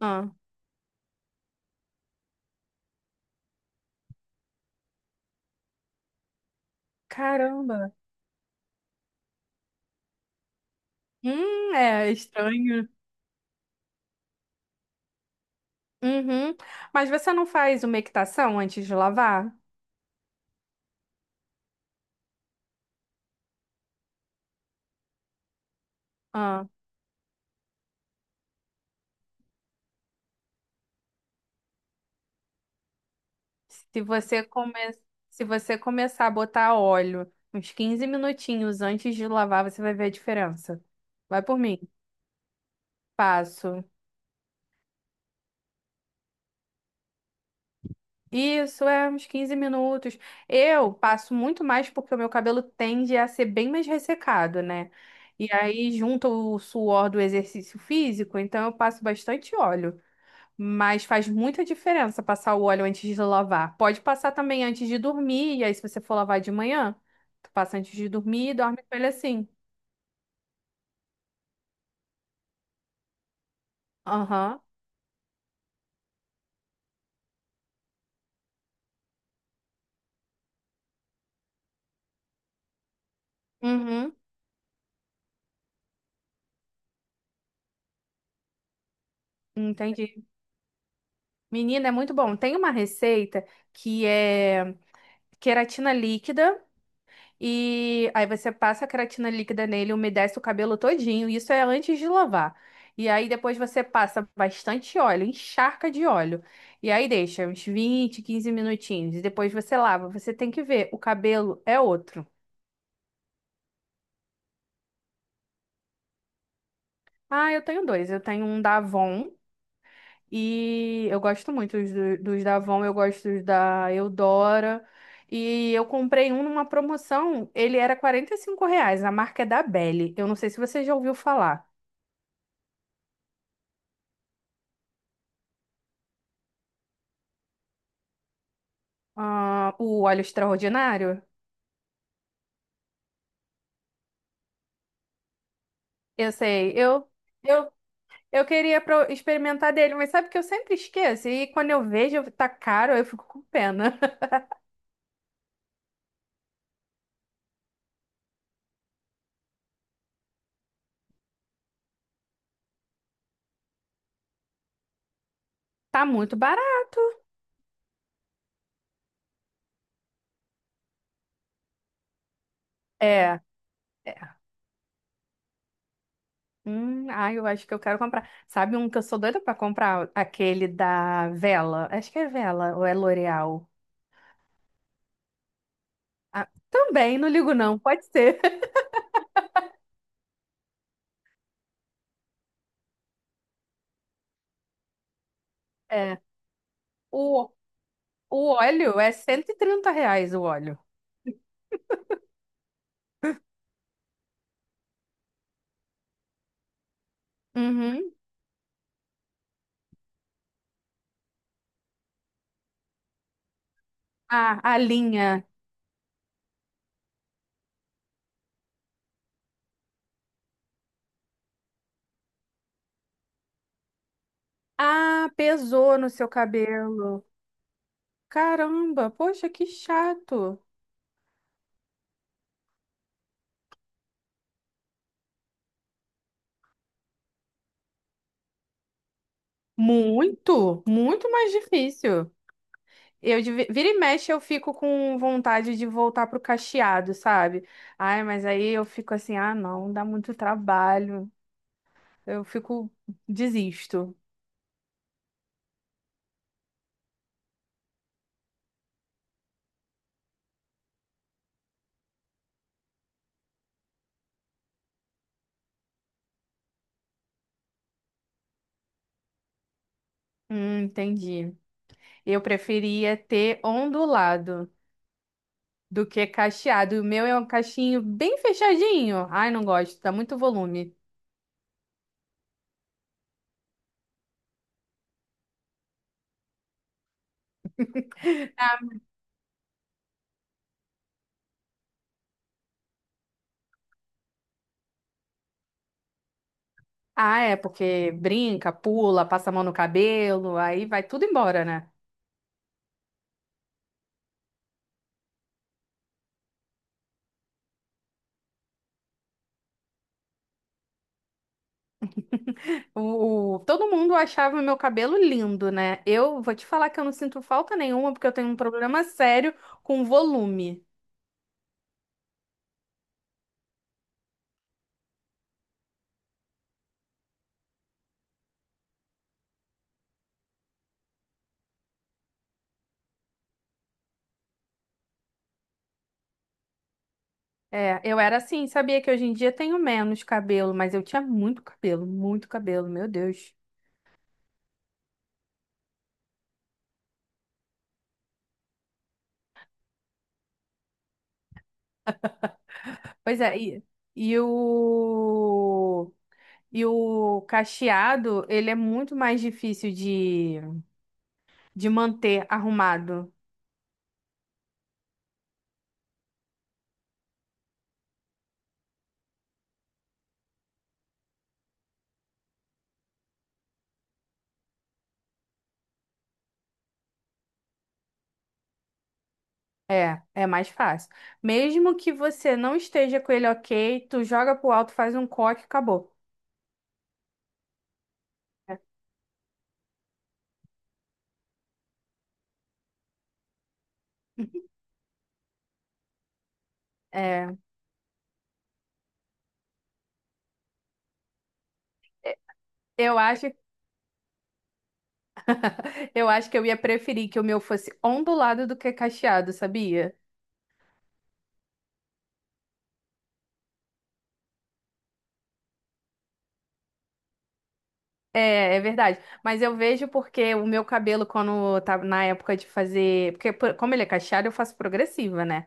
Ah. Caramba. É estranho. Uhum. Mas você não faz uma umectação antes de lavar? Ah. Se você come... Se você começar a botar óleo uns 15 minutinhos antes de lavar, você vai ver a diferença. Vai por mim. Passo. Isso, é uns 15 minutos. Eu passo muito mais porque o meu cabelo tende a ser bem mais ressecado, né? E aí junta o suor do exercício físico, então eu passo bastante óleo. Mas faz muita diferença passar o óleo antes de lavar. Pode passar também antes de dormir, e aí se você for lavar de manhã, tu passa antes de dormir e dorme com ele assim. Aham. Uhum. Entendi. Menina, é muito bom. Tem uma receita que é queratina líquida. E aí você passa a creatina líquida nele, umedece o cabelo todinho. Isso é antes de lavar. E aí depois você passa bastante óleo, encharca de óleo. E aí deixa uns 20, 15 minutinhos. E depois você lava. Você tem que ver, o cabelo é outro. Ah, eu tenho dois. Eu tenho um da Avon e eu gosto muito dos da Avon, eu gosto dos da Eudora. E eu comprei um numa promoção, ele era R$ 45, a marca é da Belly. Eu não sei se você já ouviu falar. Ah, o óleo extraordinário? Eu sei, eu, eu queria experimentar dele, mas sabe que eu sempre esqueço. E quando eu vejo, tá caro, eu fico com pena. Tá muito barato. É. é. Ah, eu acho que eu quero comprar. Sabe um que eu sou doida pra comprar? Aquele da Vela. Acho que é Vela ou é L'Oreal. Ah, também, não ligo não, pode ser. É. O, o óleo é R$ 130 o óleo. Uhum. Ah, a linha. Ah, pesou no seu cabelo. Caramba, poxa, que chato. Muito, muito mais difícil. Vira e mexe eu fico com vontade de voltar pro cacheado, sabe? Ai, mas aí eu fico assim, ah, não, dá muito trabalho. Eu fico Desisto. Entendi. Eu preferia ter ondulado do que cacheado. O meu é um cachinho bem fechadinho. Ai, não gosto, dá muito volume. Ah, é porque brinca, pula, passa a mão no cabelo, aí vai tudo embora, né? O, todo mundo achava meu cabelo lindo, né? Eu vou te falar que eu não sinto falta nenhuma, porque eu tenho um problema sério com volume. É, eu era assim, sabia que hoje em dia eu tenho menos cabelo, mas eu tinha muito cabelo, meu Deus. Pois é, e o, e o cacheado, ele é muito mais difícil de manter arrumado. É, é mais fácil. Mesmo que você não esteja com ele ok, tu joga pro alto, faz um coque, acabou. É, eu acho, eu acho que eu ia preferir que o meu fosse ondulado do que cacheado, sabia? É, é verdade. Mas eu vejo porque o meu cabelo, quando tá na época de fazer. Porque, como ele é cacheado, eu faço progressiva, né?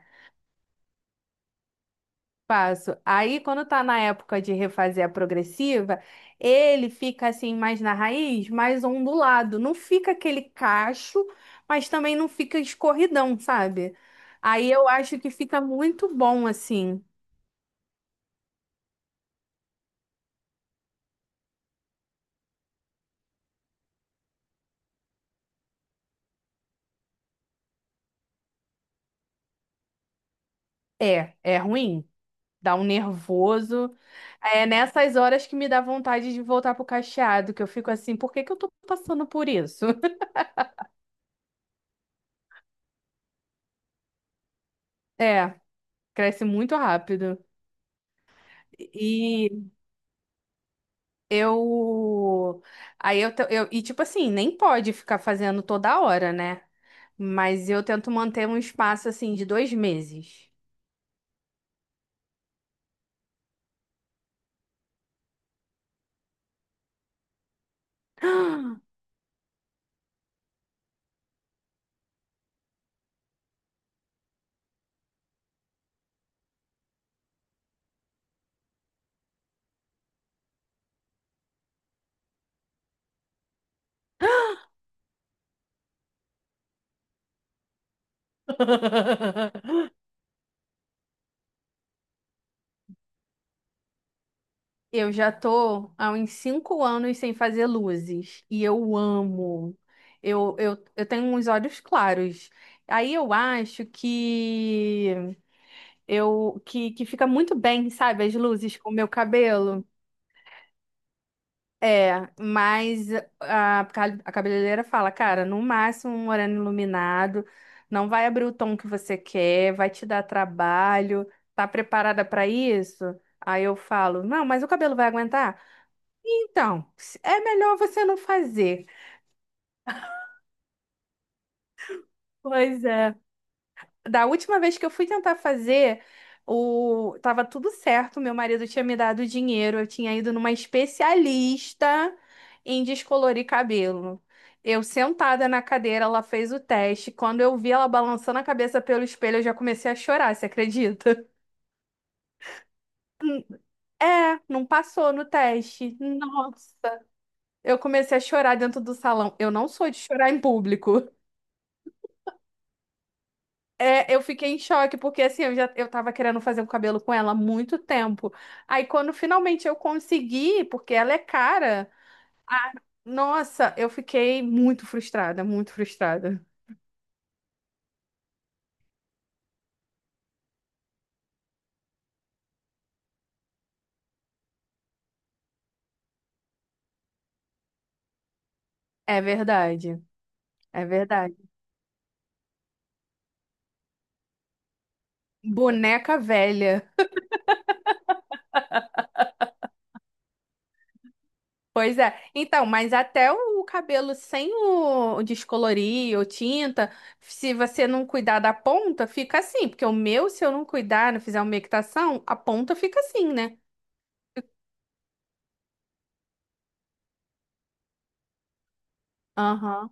Faço. Aí, quando tá na época de refazer a progressiva, ele fica assim, mais na raiz, mais ondulado. Não fica aquele cacho, mas também não fica escorridão, sabe? Aí eu acho que fica muito bom assim. É, é ruim. Dá um nervoso. É nessas horas que me dá vontade de voltar pro cacheado, que eu fico assim, por que que eu tô passando por isso? É, cresce muito rápido. E eu. Eu. E tipo assim, nem pode ficar fazendo toda hora, né? Mas eu tento manter um espaço assim de 2 meses. Eu já tô há uns 5 anos sem fazer luzes e eu amo. Eu tenho uns olhos claros. Aí eu acho que que fica muito bem, sabe, as luzes com o meu cabelo. É, mas a cabeleireira fala, cara, no máximo um moreno iluminado, não vai abrir o tom que você quer, vai te dar trabalho. Tá preparada para isso? Aí eu falo, não, mas o cabelo vai aguentar? Então, é melhor você não fazer. Pois é. Da última vez que eu fui tentar fazer, o... tava tudo certo, meu marido tinha me dado dinheiro, eu tinha ido numa especialista em descolorir cabelo. Eu sentada na cadeira, ela fez o teste. Quando eu vi ela balançando a cabeça pelo espelho, eu já comecei a chorar, você acredita? É, não passou no teste. Nossa, eu comecei a chorar dentro do salão. Eu não sou de chorar em público. É, eu fiquei em choque, porque assim, eu tava querendo fazer o cabelo com ela há muito tempo. Aí quando finalmente eu consegui, porque ela é cara, nossa, eu fiquei muito frustrada, muito frustrada. É verdade, é verdade. Boneca velha. Pois é. Então, mas até o cabelo sem o descolorir ou tinta, se você não cuidar da ponta, fica assim. Porque o meu, se eu não cuidar, não fizer uma equitação, a ponta fica assim, né? Aham.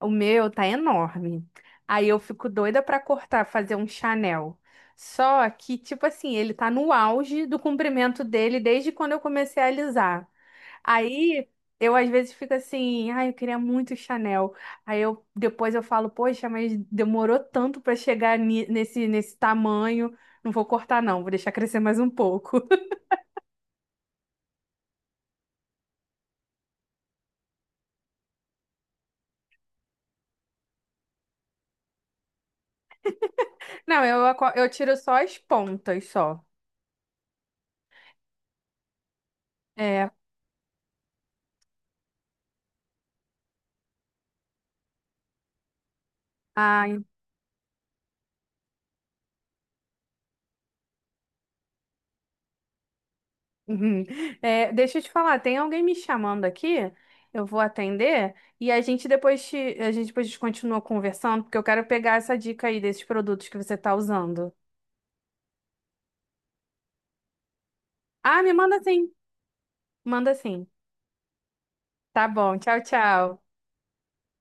O meu tá enorme. Aí eu fico doida pra cortar, fazer um Chanel. Só que, tipo assim, ele tá no auge do comprimento dele desde quando eu comecei a alisar. Aí eu às vezes fico assim, ai, eu queria muito Chanel. Aí eu depois eu falo, poxa, mas demorou tanto pra chegar nesse tamanho. Não vou cortar não, vou deixar crescer mais um pouco. Não, eu tiro só as pontas só. É. Ah, Uhum. É, deixa eu te falar, tem alguém me chamando aqui, eu vou atender e a gente depois continua conversando, porque eu quero pegar essa dica aí desses produtos que você tá usando. Ah, me manda sim, manda sim. Tá bom, tchau, tchau.